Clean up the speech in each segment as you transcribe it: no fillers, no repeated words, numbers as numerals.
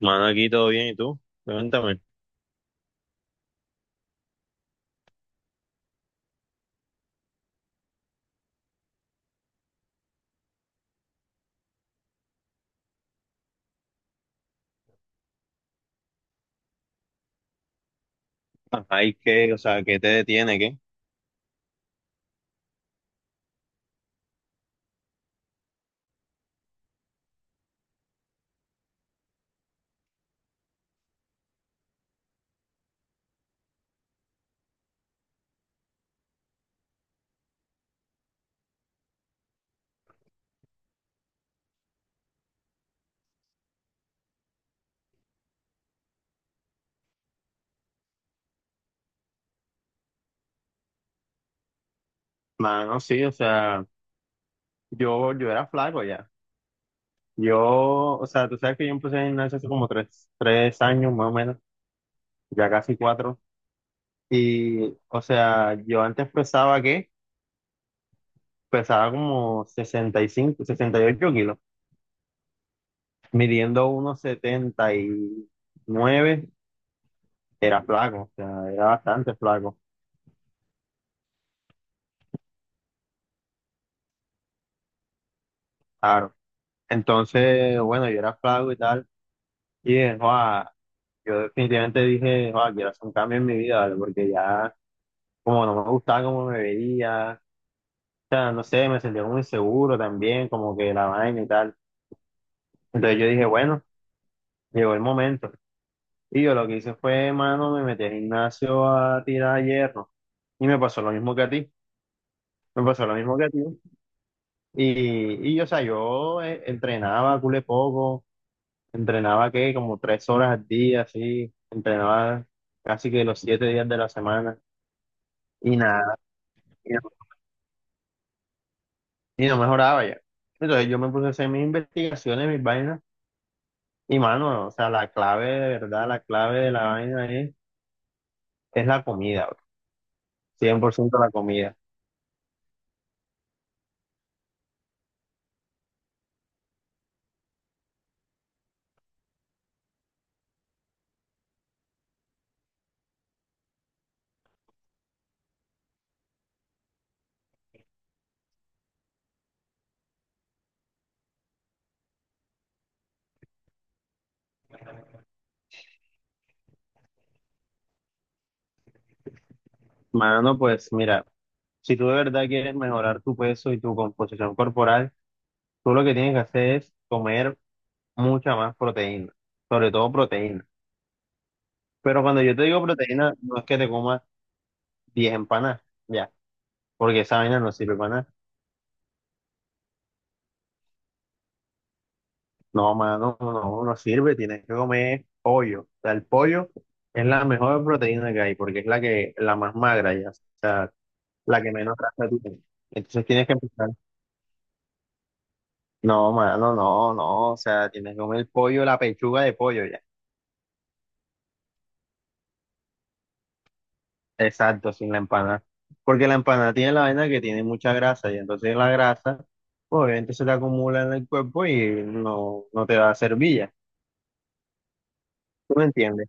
Mano, aquí todo bien, ¿y tú? Cuéntame. ¿Ay qué? O sea, ¿qué te detiene, qué? Mano, sí, o sea, yo era flaco ya. Yo, o sea, tú sabes que yo empecé en gimnasia hace como tres años más o menos, ya casi 4. Y, o sea, yo antes pesaba, ¿qué? Pesaba como 60, 65, 68 kilos, midiendo unos 79, era flaco, o sea, era bastante flaco, claro. Entonces, bueno, yo era flaco y tal, y dije, yo definitivamente dije, "Ah, quiero hacer un cambio en mi vida, ¿vale?". Porque ya, como no me gustaba cómo me veía, o sea, no sé, me sentía muy seguro también, como que la vaina y tal. Entonces yo dije, bueno, llegó el momento. Y yo lo que hice fue, mano, me metí al gimnasio a tirar hierro. Y me pasó lo mismo que a ti. Me pasó lo mismo que a ti. Y o sea, yo entrenaba culé poco, entrenaba que como 3 horas al día, así, entrenaba casi que los 7 días de la semana. Y nada, y no mejoraba ya. Entonces yo me puse a hacer mis investigaciones, mis vainas, y mano, o sea, la clave de verdad, la clave de la vaina es la comida, bro. 100% la comida. Mano, pues mira, si tú de verdad quieres mejorar tu peso y tu composición corporal, tú lo que tienes que hacer es comer mucha más proteína, sobre todo proteína. Pero cuando yo te digo proteína, no es que te comas 10 empanadas, ya, porque esa vaina no sirve para nada. No, mano, no, no sirve, tienes que comer pollo. O sea, el pollo es la mejor proteína que hay porque es la que, la más magra ya, o sea, la que menos grasa tiene. Entonces tienes que empezar. No, mano, no, no, o sea, tienes que comer el pollo, la pechuga de pollo ya. Exacto, sin la empanada. Porque la empanada tiene la vaina que tiene mucha grasa y entonces la grasa, pues, obviamente se te acumula en el cuerpo y no, no te va a servir ya. ¿Tú me entiendes?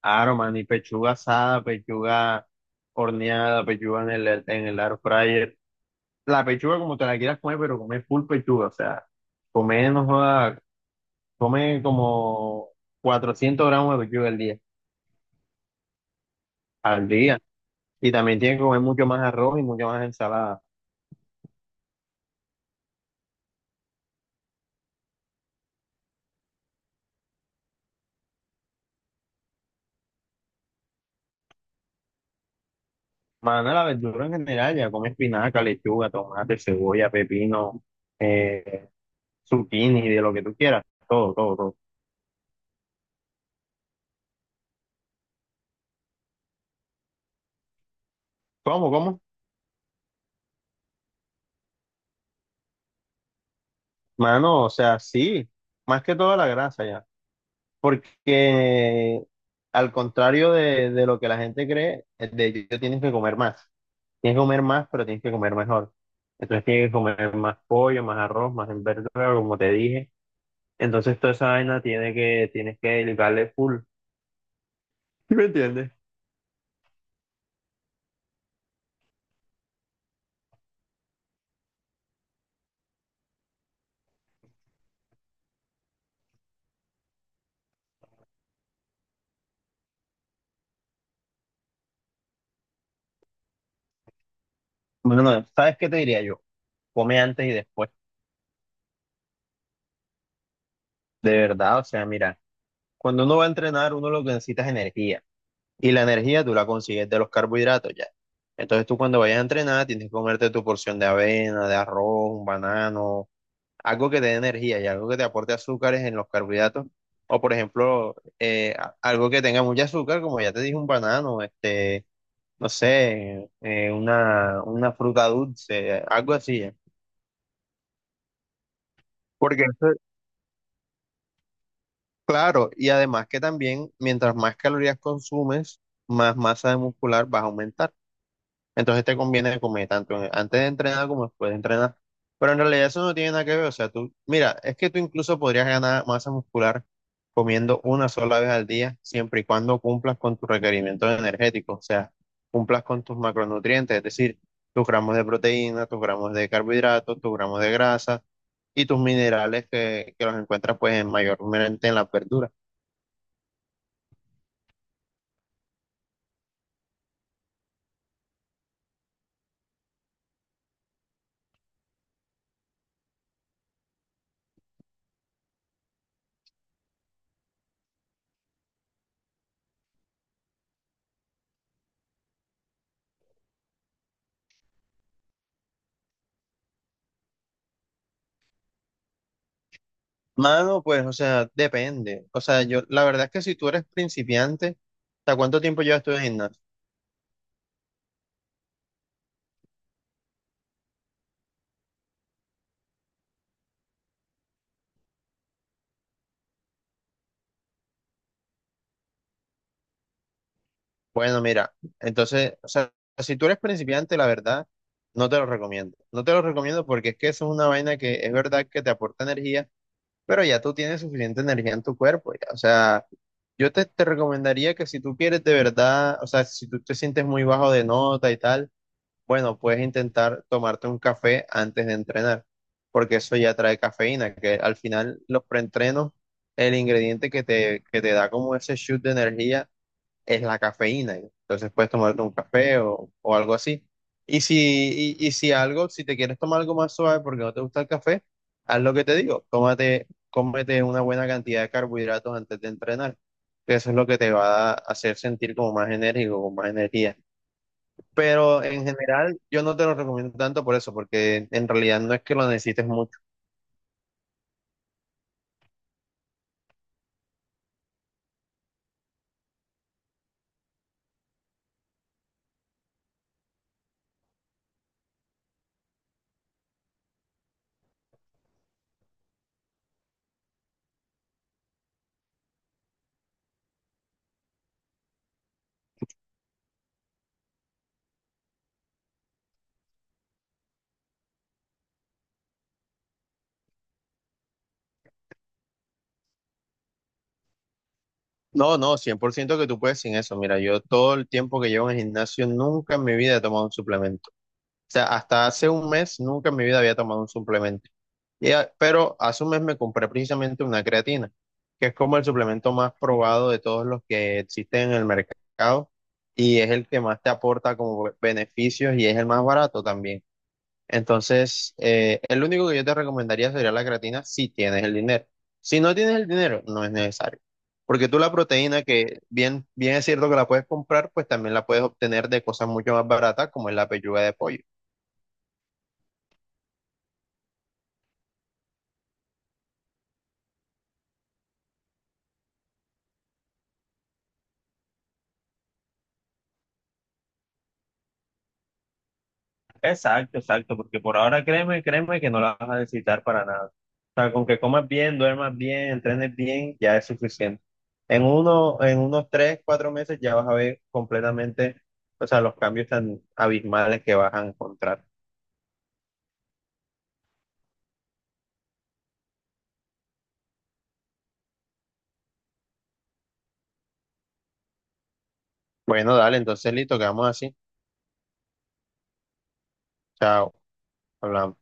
Claro, man, y pechuga asada, pechuga horneada, pechuga en el air fryer. La pechuga como te la quieras comer, pero come full pechuga, o sea, come, no joda, come como 400 gramos de pechuga al día, al día. Y también tiene que comer mucho más arroz y mucho más ensalada. Mano, la verdura en general, ya come espinaca, lechuga, tomate, cebolla, pepino, eh, zucchini, de lo que tú quieras, todo, todo, todo. ¿Cómo, cómo? Mano, o sea, sí, más que toda la grasa ya. Porque al contrario de lo que la gente cree, es de hecho tienes que comer más. Tienes que comer más, pero tienes que comer mejor. Entonces tienes que comer más pollo, más arroz, más verdura, como te dije. Entonces toda esa vaina tiene que, tienes que dedicarle full. ¿Sí me entiendes? Bueno, ¿no sabes qué te diría yo? Come antes y después. De verdad, o sea, mira, cuando uno va a entrenar, uno lo que necesita es energía. Y la energía tú la consigues de los carbohidratos ya. Entonces tú cuando vayas a entrenar tienes que comerte tu porción de avena, de arroz, un banano, algo que te dé energía y algo que te aporte azúcares en los carbohidratos. O por ejemplo, algo que tenga mucho azúcar, como ya te dije, un banano, este, no sé, una fruta dulce, algo así, ya. Porque eso, claro, y además que también mientras más calorías consumes, más masa muscular vas a aumentar. Entonces te conviene comer tanto antes de entrenar como después de entrenar. Pero en realidad eso no tiene nada que ver. O sea, tú, mira, es que tú incluso podrías ganar masa muscular comiendo una sola vez al día, siempre y cuando cumplas con tus requerimientos energéticos. O sea, cumplas con tus macronutrientes, es decir, tus gramos de proteína, tus gramos de carbohidratos, tus gramos de grasa y tus minerales que los encuentras pues en mayormente en la verdura. Mano, pues, o sea, depende. O sea, yo, la verdad es que si tú eres principiante, ¿hasta cuánto tiempo llevas tú en gimnasio? Bueno, mira, entonces, o sea, si tú eres principiante, la verdad, no te lo recomiendo. No te lo recomiendo porque es que eso es una vaina que es verdad que te aporta energía, pero ya tú tienes suficiente energía en tu cuerpo, ya. O sea, yo te recomendaría que si tú quieres de verdad, o sea, si tú te sientes muy bajo de nota y tal, bueno, puedes intentar tomarte un café antes de entrenar, porque eso ya trae cafeína, que al final los preentrenos, el ingrediente que te da como ese shoot de energía es la cafeína. Entonces puedes tomarte un café o algo así. Y si te quieres tomar algo más suave porque no te gusta el café, haz lo que te digo, tómate, cómete una buena cantidad de carbohidratos antes de entrenar, que eso es lo que te va a hacer sentir como más enérgico, con más energía. Pero en general, yo no te lo recomiendo tanto por eso, porque en realidad no es que lo necesites mucho. No, no, 100% que tú puedes sin eso. Mira, yo todo el tiempo que llevo en el gimnasio, nunca en mi vida he tomado un suplemento. O sea, hasta hace un mes, nunca en mi vida había tomado un suplemento. Pero hace un mes me compré precisamente una creatina, que es como el suplemento más probado de todos los que existen en el mercado y es el que más te aporta como beneficios y es el más barato también. Entonces, el único que yo te recomendaría sería la creatina si tienes el dinero. Si no tienes el dinero, no es necesario. Porque tú la proteína, que bien, bien es cierto que la puedes comprar, pues también la puedes obtener de cosas mucho más baratas, como es la pechuga de pollo. Exacto, exacto, porque por ahora créeme, créeme que no la vas a necesitar para nada. O sea, con que comas bien, duermas bien, entrenes bien, ya es suficiente. En unos 3, 4 meses ya vas a ver completamente, o sea, los cambios tan abismales que vas a encontrar. Bueno, dale, entonces listo, quedamos así. Chao, hablamos.